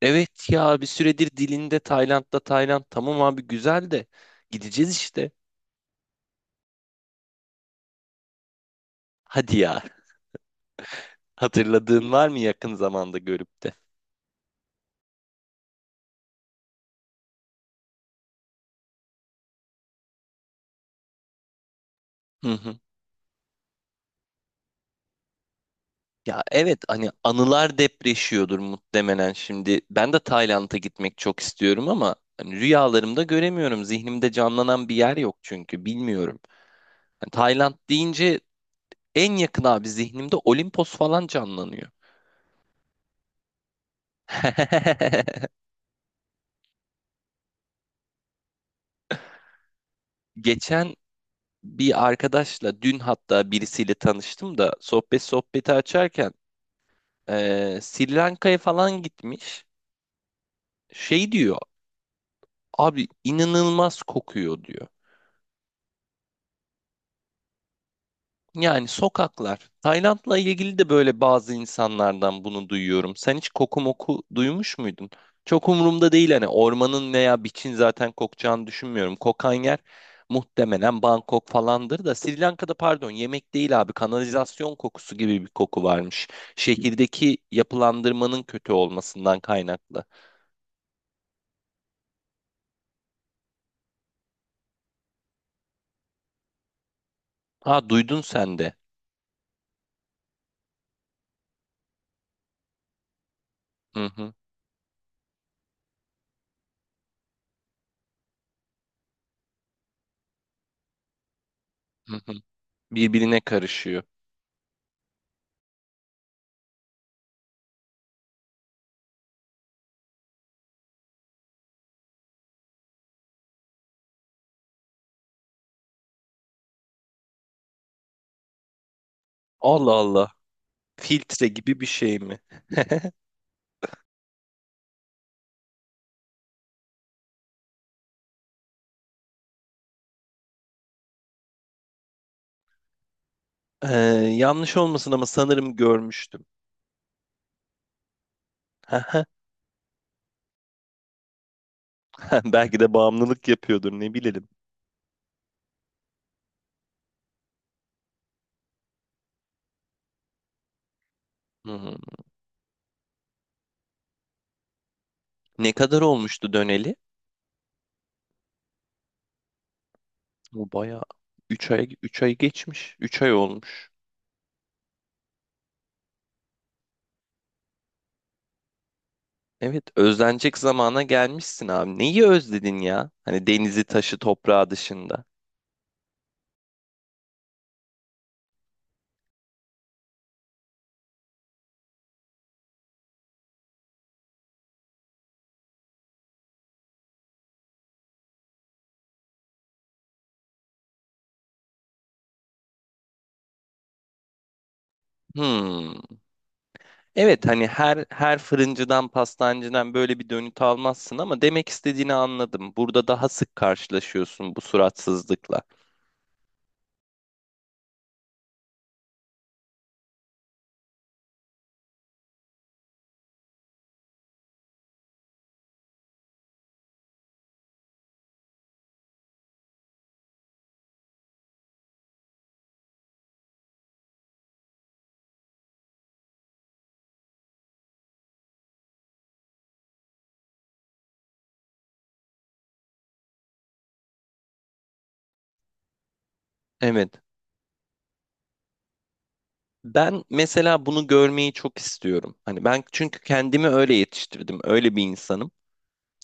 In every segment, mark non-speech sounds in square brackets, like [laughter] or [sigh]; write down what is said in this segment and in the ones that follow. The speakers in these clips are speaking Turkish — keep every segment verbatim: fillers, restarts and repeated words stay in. Evet ya bir süredir dilinde Tayland'da Tayland tamam abi güzel de gideceğiz işte. Hadi ya. [laughs] Hatırladığın var mı yakın zamanda görüp de? Hı hı. Ya evet hani anılar depreşiyordur muhtemelen şimdi. Ben de Tayland'a gitmek çok istiyorum ama hani rüyalarımda göremiyorum. Zihnimde canlanan bir yer yok çünkü bilmiyorum. Yani Tayland deyince en yakın abi zihnimde Olimpos falan canlanıyor. [laughs] Geçen bir arkadaşla dün hatta birisiyle tanıştım da sohbet sohbeti açarken eee Sri Lanka'ya falan gitmiş. Şey diyor, abi inanılmaz kokuyor diyor. Yani sokaklar. Tayland'la ilgili de böyle bazı insanlardan bunu duyuyorum. Sen hiç koku moku duymuş muydun? Çok umurumda değil, hani ormanın veya biçin zaten kokacağını düşünmüyorum. Kokan yer muhtemelen Bangkok falandır da, Sri Lanka'da pardon, yemek değil abi, kanalizasyon kokusu gibi bir koku varmış. Şehirdeki yapılandırmanın kötü olmasından kaynaklı. Ha, duydun sen de. Hı hı, hı hı. Birbirine karışıyor. Allah Allah. Filtre gibi bir şey mi? Ee, yanlış olmasın ama sanırım görmüştüm. [laughs] Belki de bağımlılık yapıyordur, ne bilelim. Hmm. Ne kadar olmuştu döneli? Bu bayağı üç ay, üç ay geçmiş. Üç ay olmuş. Evet, özlenecek zamana gelmişsin abi. Neyi özledin ya? Hani denizi, taşı, toprağı dışında. Hmm. Evet, hani her her fırıncıdan, pastancıdan böyle bir dönüt almazsın ama demek istediğini anladım. Burada daha sık karşılaşıyorsun bu suratsızlıkla. Evet. Ben mesela bunu görmeyi çok istiyorum. Hani ben çünkü kendimi öyle yetiştirdim. Öyle bir insanım.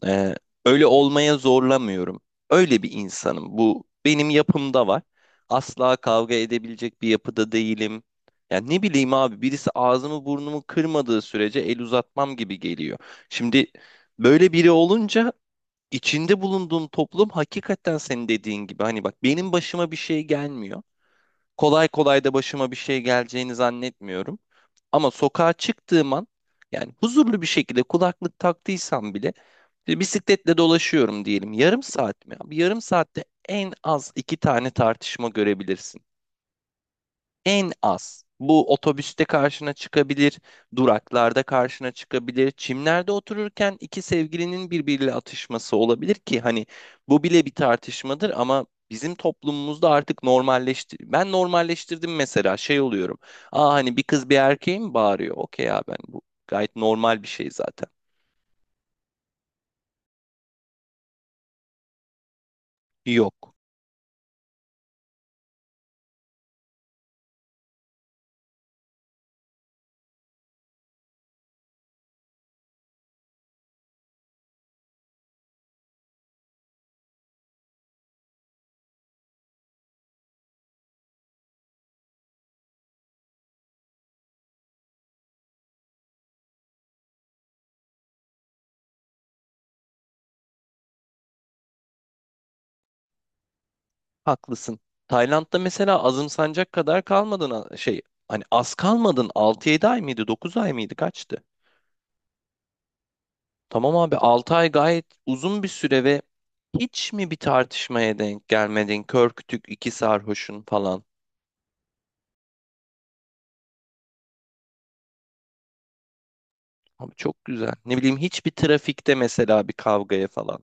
Ee, öyle olmaya zorlamıyorum. Öyle bir insanım. Bu benim yapımda var. Asla kavga edebilecek bir yapıda değilim. Yani ne bileyim abi, birisi ağzımı burnumu kırmadığı sürece el uzatmam gibi geliyor. Şimdi böyle biri olunca İçinde bulunduğun toplum, hakikaten senin dediğin gibi, hani bak benim başıma bir şey gelmiyor. Kolay kolay da başıma bir şey geleceğini zannetmiyorum. Ama sokağa çıktığım an, yani huzurlu bir şekilde kulaklık taktıysam bile, işte bisikletle dolaşıyorum diyelim. Yarım saat mi? Bir yarım saatte en az iki tane tartışma görebilirsin. En az. Bu otobüste karşına çıkabilir, duraklarda karşına çıkabilir. Çimlerde otururken iki sevgilinin birbiriyle atışması olabilir ki hani bu bile bir tartışmadır ama bizim toplumumuzda artık normalleşti. Ben normalleştirdim mesela, şey oluyorum. Aa, hani bir kız bir erkeğe mi bağırıyor? Okey ya, ben bu gayet normal bir şey zaten. Yok. Haklısın. Tayland'da mesela azımsanacak kadar kalmadın, a- şey, hani az kalmadın, altı yedi ay mıydı, dokuz ay mıydı, kaçtı? Tamam abi, altı ay gayet uzun bir süre ve hiç mi bir tartışmaya denk gelmedin? Kör kütük iki sarhoşun falan. Abi çok güzel. Ne bileyim, hiçbir trafikte mesela bir kavgaya falan.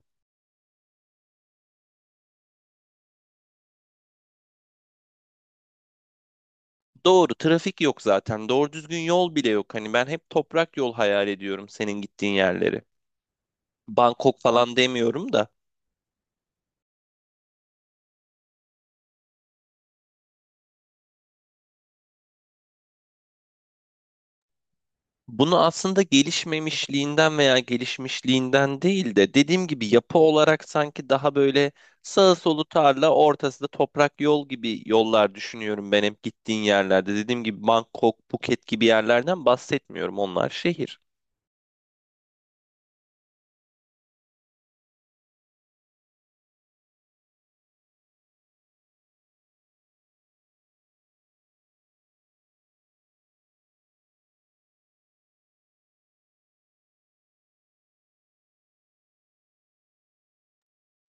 Doğru, trafik yok zaten. Doğru düzgün yol bile yok. Hani ben hep toprak yol hayal ediyorum senin gittiğin yerleri. Bangkok falan demiyorum da. Bunu aslında gelişmemişliğinden veya gelişmişliğinden değil de, dediğim gibi yapı olarak sanki daha böyle sağı solu tarla, ortası da toprak yol gibi yollar düşünüyorum ben hep gittiğin yerlerde. Dediğim gibi Bangkok, Phuket gibi yerlerden bahsetmiyorum, onlar şehir.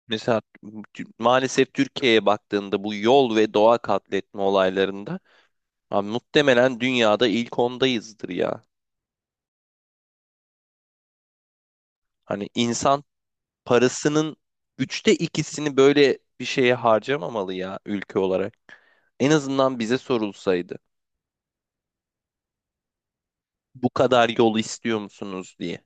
Mesela t- maalesef Türkiye'ye baktığında bu yol ve doğa katletme olaylarında, abi muhtemelen dünyada ilk ondayızdır ya. Hani insan parasının üçte ikisini böyle bir şeye harcamamalı ya, ülke olarak. En azından bize sorulsaydı. Bu kadar yol istiyor musunuz diye.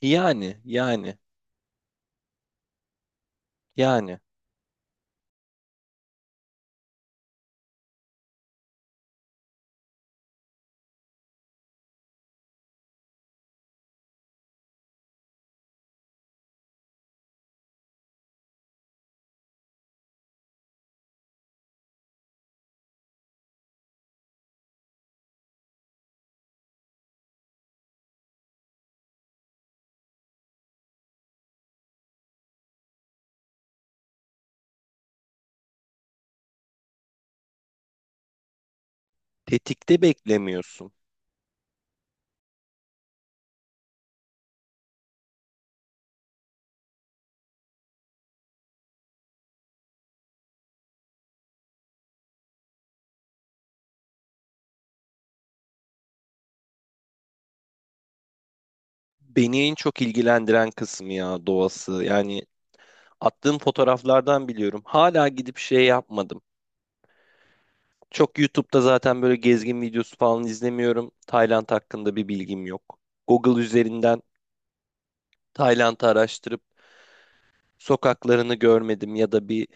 Yani, yani, yani. Tetikte beklemiyorsun. Beni en çok ilgilendiren kısmı ya, doğası. Yani attığım fotoğraflardan biliyorum. Hala gidip şey yapmadım. Çok YouTube'da zaten böyle gezgin videosu falan izlemiyorum. Tayland hakkında bir bilgim yok. Google üzerinden Tayland'ı araştırıp sokaklarını görmedim ya da bir,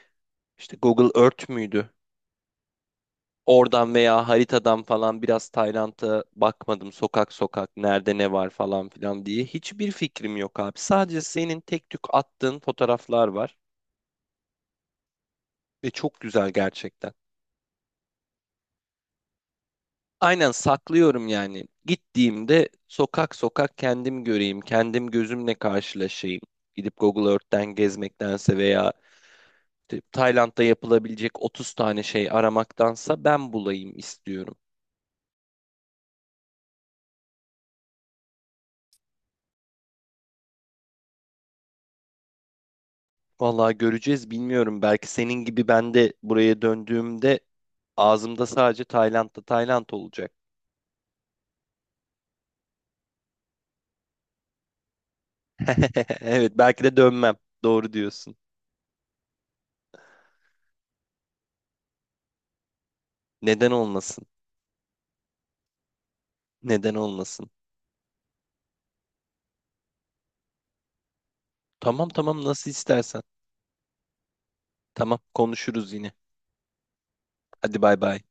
İşte Google Earth müydü? Oradan veya haritadan falan biraz Tayland'a bakmadım. Sokak sokak nerede ne var falan filan diye. Hiçbir fikrim yok abi. Sadece senin tek tük attığın fotoğraflar var. Ve çok güzel gerçekten. Aynen, saklıyorum yani. Gittiğimde sokak sokak kendim göreyim. Kendim gözümle karşılaşayım. Gidip Google Earth'ten gezmektense, veya işte Tayland'da yapılabilecek otuz tane şey aramaktansa, ben bulayım istiyorum. Vallahi göreceğiz, bilmiyorum. Belki senin gibi ben de buraya döndüğümde ağzımda sadece Tayland'da Tayland olacak. [laughs] Evet belki de dönmem. Doğru diyorsun. Neden olmasın? Neden olmasın? Tamam tamam, nasıl istersen. Tamam, konuşuruz yine. Hadi, bay bay.